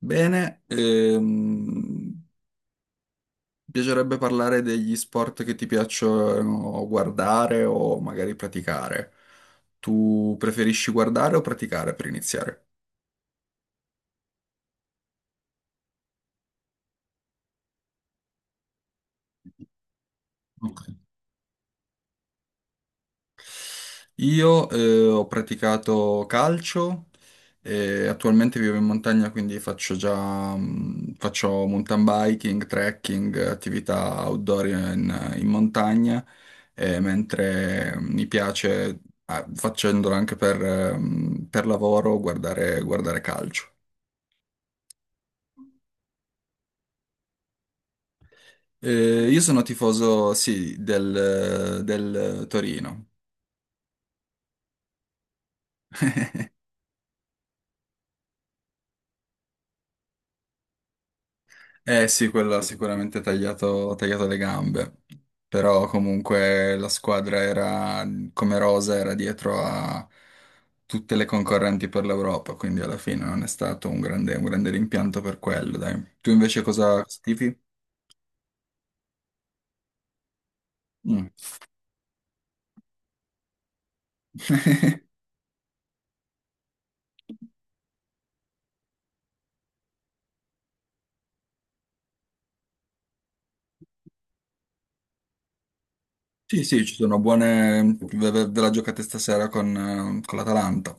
Bene, ehm, Piacerebbe parlare degli sport che ti piacciono guardare o magari praticare. Tu preferisci guardare o praticare per iniziare? Ok. Io ho praticato calcio e attualmente vivo in montagna, quindi faccio già faccio mountain biking, trekking, attività outdoor in montagna, mentre mi piace, ah, facendolo anche per lavoro, guardare calcio. Io sono tifoso, sì, del Torino. Eh sì, quello ha sicuramente tagliato, ha tagliato le gambe, però comunque la squadra era, come rosa, era dietro a tutte le concorrenti per l'Europa, quindi alla fine non è stato un grande rimpianto per quello, dai. Tu invece cosa tifi? Mm. Sì, sì, ci sono buone. Ve la giocate stasera con l'Atalanta.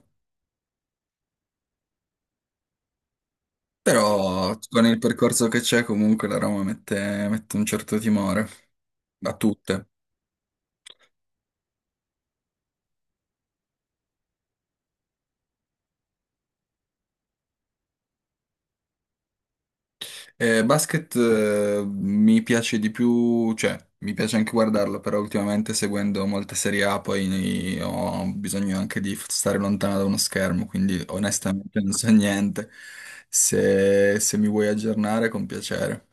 Però con il percorso che c'è, comunque la Roma mette, mette un certo timore a tutte. Basket, mi piace di più, cioè mi piace anche guardarlo, però ultimamente seguendo molte serie A poi ho bisogno anche di stare lontano da uno schermo, quindi onestamente non so niente. Se mi vuoi aggiornare, con piacere.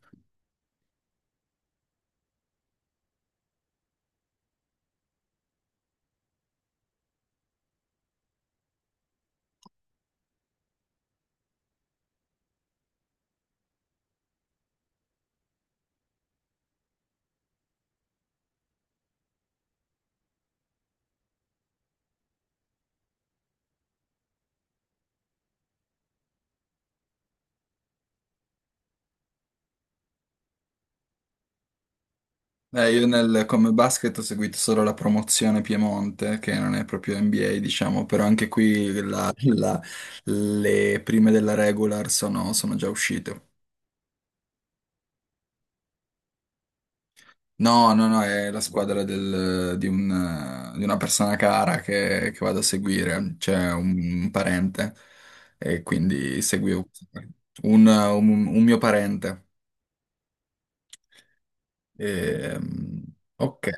Io nel, come basket ho seguito solo la promozione Piemonte, che non è proprio NBA, diciamo, però anche qui le prime della regular sono già uscite. No, no, è la squadra di, di una persona cara che vado a seguire, c'è un parente e quindi seguivo un, un mio parente. Ehm, ok.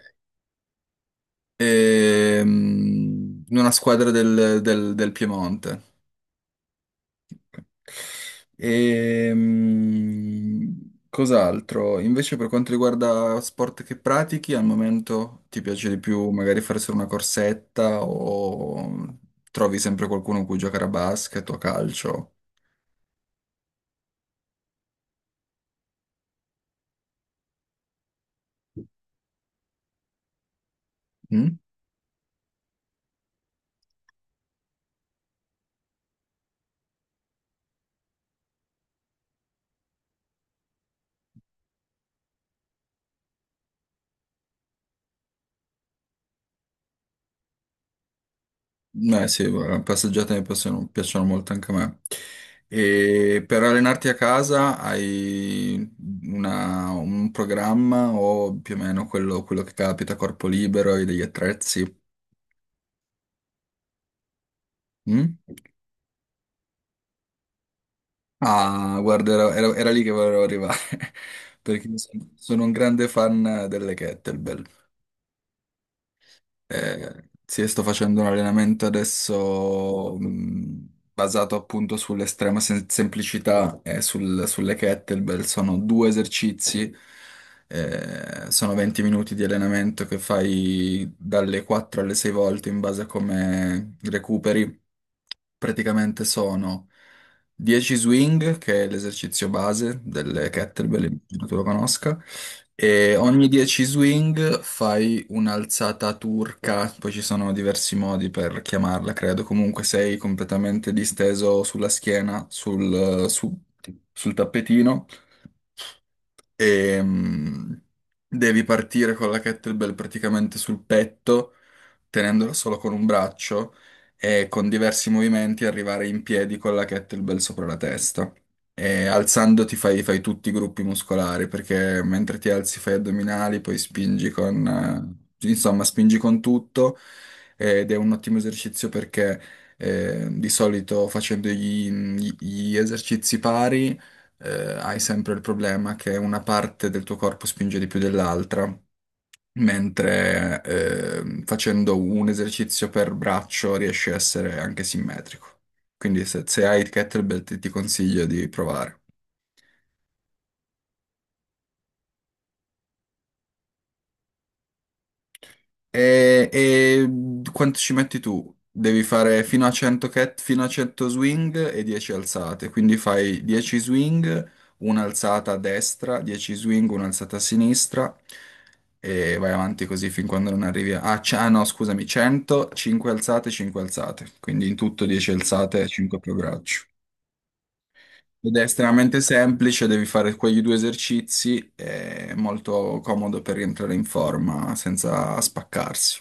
Una squadra del, del Piemonte. Cos'altro? Invece per quanto riguarda sport che pratichi, al momento ti piace di più magari fare solo una corsetta o trovi sempre qualcuno con cui giocare a basket o a calcio? Mm? Beh, sì, guarda, passeggiate mi piacciono, piacciono molto anche a me. E per allenarti a casa hai un programma o più o meno quello, quello che capita, corpo libero, hai degli attrezzi? Mm? Ah, guarda, era lì che volevo arrivare, perché sono un grande fan delle kettlebell. Sì, sto facendo un allenamento adesso basato appunto sull'estrema semplicità e sulle kettlebell. Sono due esercizi, sono 20 minuti di allenamento che fai dalle 4 alle 6 volte in base a come recuperi praticamente sono 10 swing, che è l'esercizio base delle kettlebell, immagino tu lo conosca, e ogni 10 swing fai un'alzata turca, poi ci sono diversi modi per chiamarla, credo, comunque sei completamente disteso sulla schiena, sul tappetino e devi partire con la kettlebell praticamente sul petto, tenendola solo con un braccio e con diversi movimenti arrivare in piedi con la kettlebell sopra la testa. E alzandoti fai tutti i gruppi muscolari perché mentre ti alzi fai addominali, poi spingi con, insomma, spingi con tutto ed è un ottimo esercizio perché di solito facendo gli esercizi pari eh, hai sempre il problema che una parte del tuo corpo spinge di più dell'altra, mentre facendo un esercizio per braccio riesci a essere anche simmetrico. Quindi se, se hai il kettlebell ti, ti consiglio di provare. E quanto ci metti tu? Devi fare fino a 100 cat, fino a 100 swing e 10 alzate, quindi fai 10 swing, un'alzata a destra, 10 swing, un'alzata a sinistra e vai avanti così fin quando non arrivi a... Ah, ah, no, scusami, 100, 5 alzate, 5 alzate, quindi in tutto 10 alzate e 5 per braccio. Ed è estremamente semplice, devi fare quegli due esercizi, è molto comodo per rientrare in forma senza spaccarsi.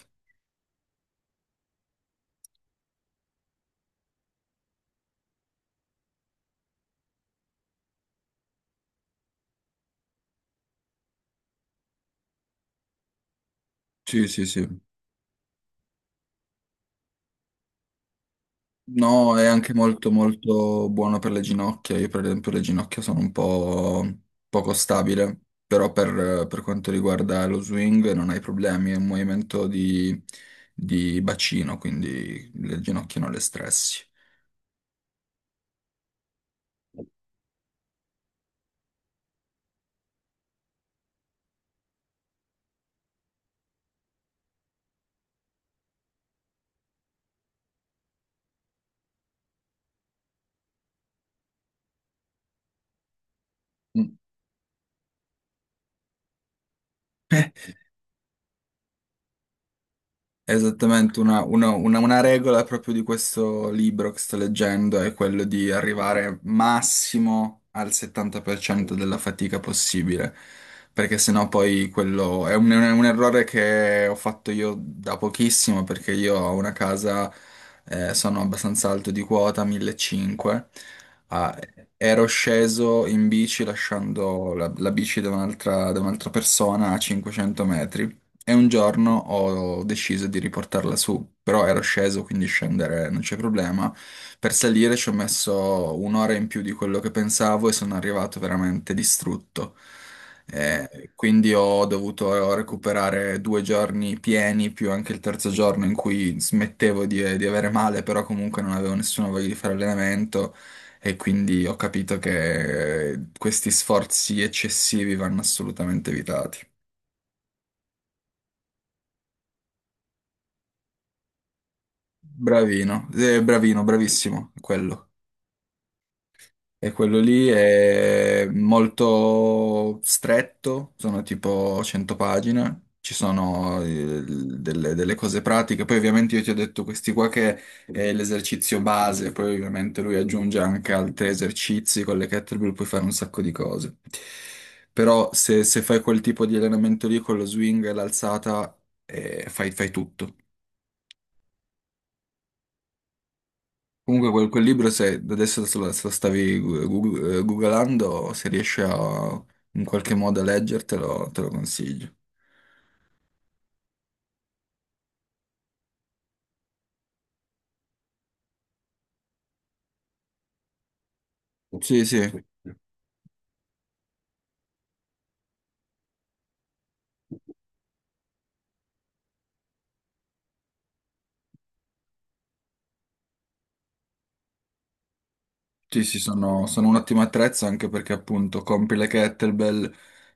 Sì, sì, sì. No, è anche molto buono per le ginocchia. Io per esempio le ginocchia sono un po' poco stabile, però per quanto riguarda lo swing non hai problemi, è un movimento di bacino, quindi le ginocchia non le stressi. Mm. Esattamente, una regola proprio di questo libro che sto leggendo è quello di arrivare massimo al 70% della fatica possibile, perché sennò poi quello è un errore che ho fatto io da pochissimo, perché io ho una casa, sono abbastanza alto di quota, 1.500, ah, ero sceso in bici lasciando la, la bici da un'altra persona a 500 metri. E un giorno ho deciso di riportarla su, però ero sceso, quindi scendere non c'è problema. Per salire ci ho messo un'ora in più di quello che pensavo e sono arrivato veramente distrutto. Quindi ho dovuto recuperare due giorni pieni, più anche il terzo giorno in cui smettevo di avere male, però comunque non avevo nessuna voglia di fare allenamento e quindi ho capito che questi sforzi eccessivi vanno assolutamente evitati. Bravino, bravino, bravissimo, quello. E quello lì è molto stretto, sono tipo 100 pagine, ci sono delle cose pratiche, poi ovviamente io ti ho detto questi qua che è l'esercizio base, poi ovviamente lui aggiunge anche altri esercizi, con le kettlebell puoi fare un sacco di cose. Però se, se fai quel tipo di allenamento lì con lo swing e l'alzata, fai tutto. Comunque quel libro, se adesso se lo stavi googlando, se riesci a in qualche modo a leggertelo, te lo consiglio. Sì, sì. Sì, sì, sono, sono un ottimo attrezzo anche perché appunto compri le kettlebell.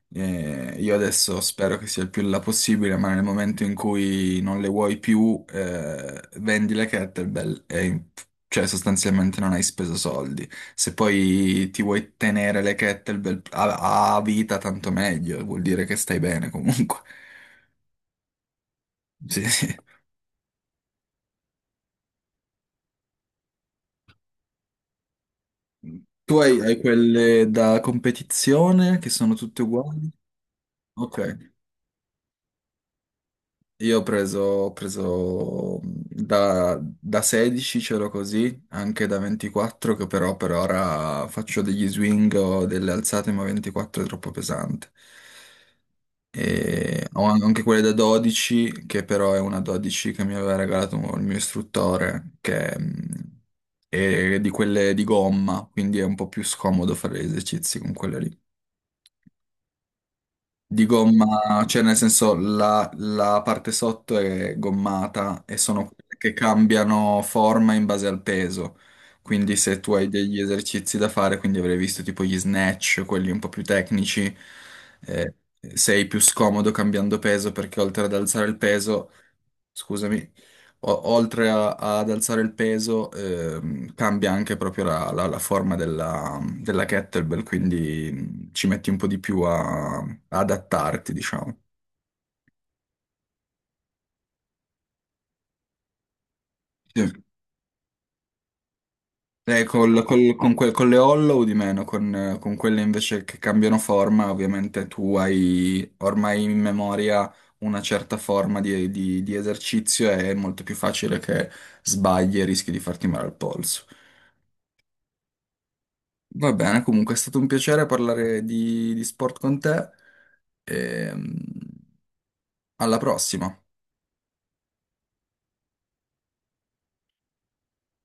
Eh, io adesso spero che sia il più là possibile, ma nel momento in cui non le vuoi più, vendi le kettlebell e cioè sostanzialmente non hai speso soldi. Se poi ti vuoi tenere le kettlebell a vita, tanto meglio, vuol dire che stai bene comunque. Sì, sì. Tu hai quelle da competizione che sono tutte uguali? Ok. Io ho preso da 16, c'ero così, anche da 24, che però per ora faccio degli swing o delle alzate, ma 24 è troppo pesante. E ho anche quelle da 12, che però è una 12 che mi aveva regalato il mio istruttore, che è di quelle di gomma, quindi è un po' più scomodo fare gli esercizi con quelle lì. Di gomma, cioè nel senso la parte sotto è gommata e sono quelle che cambiano forma in base al peso. Quindi se tu hai degli esercizi da fare, quindi avrei visto tipo gli snatch, quelli un po' più tecnici, eh, sei più scomodo cambiando peso perché oltre ad alzare il peso scusami, ad alzare il peso, cambia anche proprio la, la forma della, della kettlebell, quindi ci metti un po' di più a, a adattarti, diciamo. Sì. Con le hollow di meno, con quelle invece che cambiano forma, ovviamente tu hai ormai in memoria una certa forma di, di esercizio e è molto più facile che sbagli e rischi di farti male al polso. Va bene, comunque è stato un piacere parlare di sport con te. E, mm, alla prossima.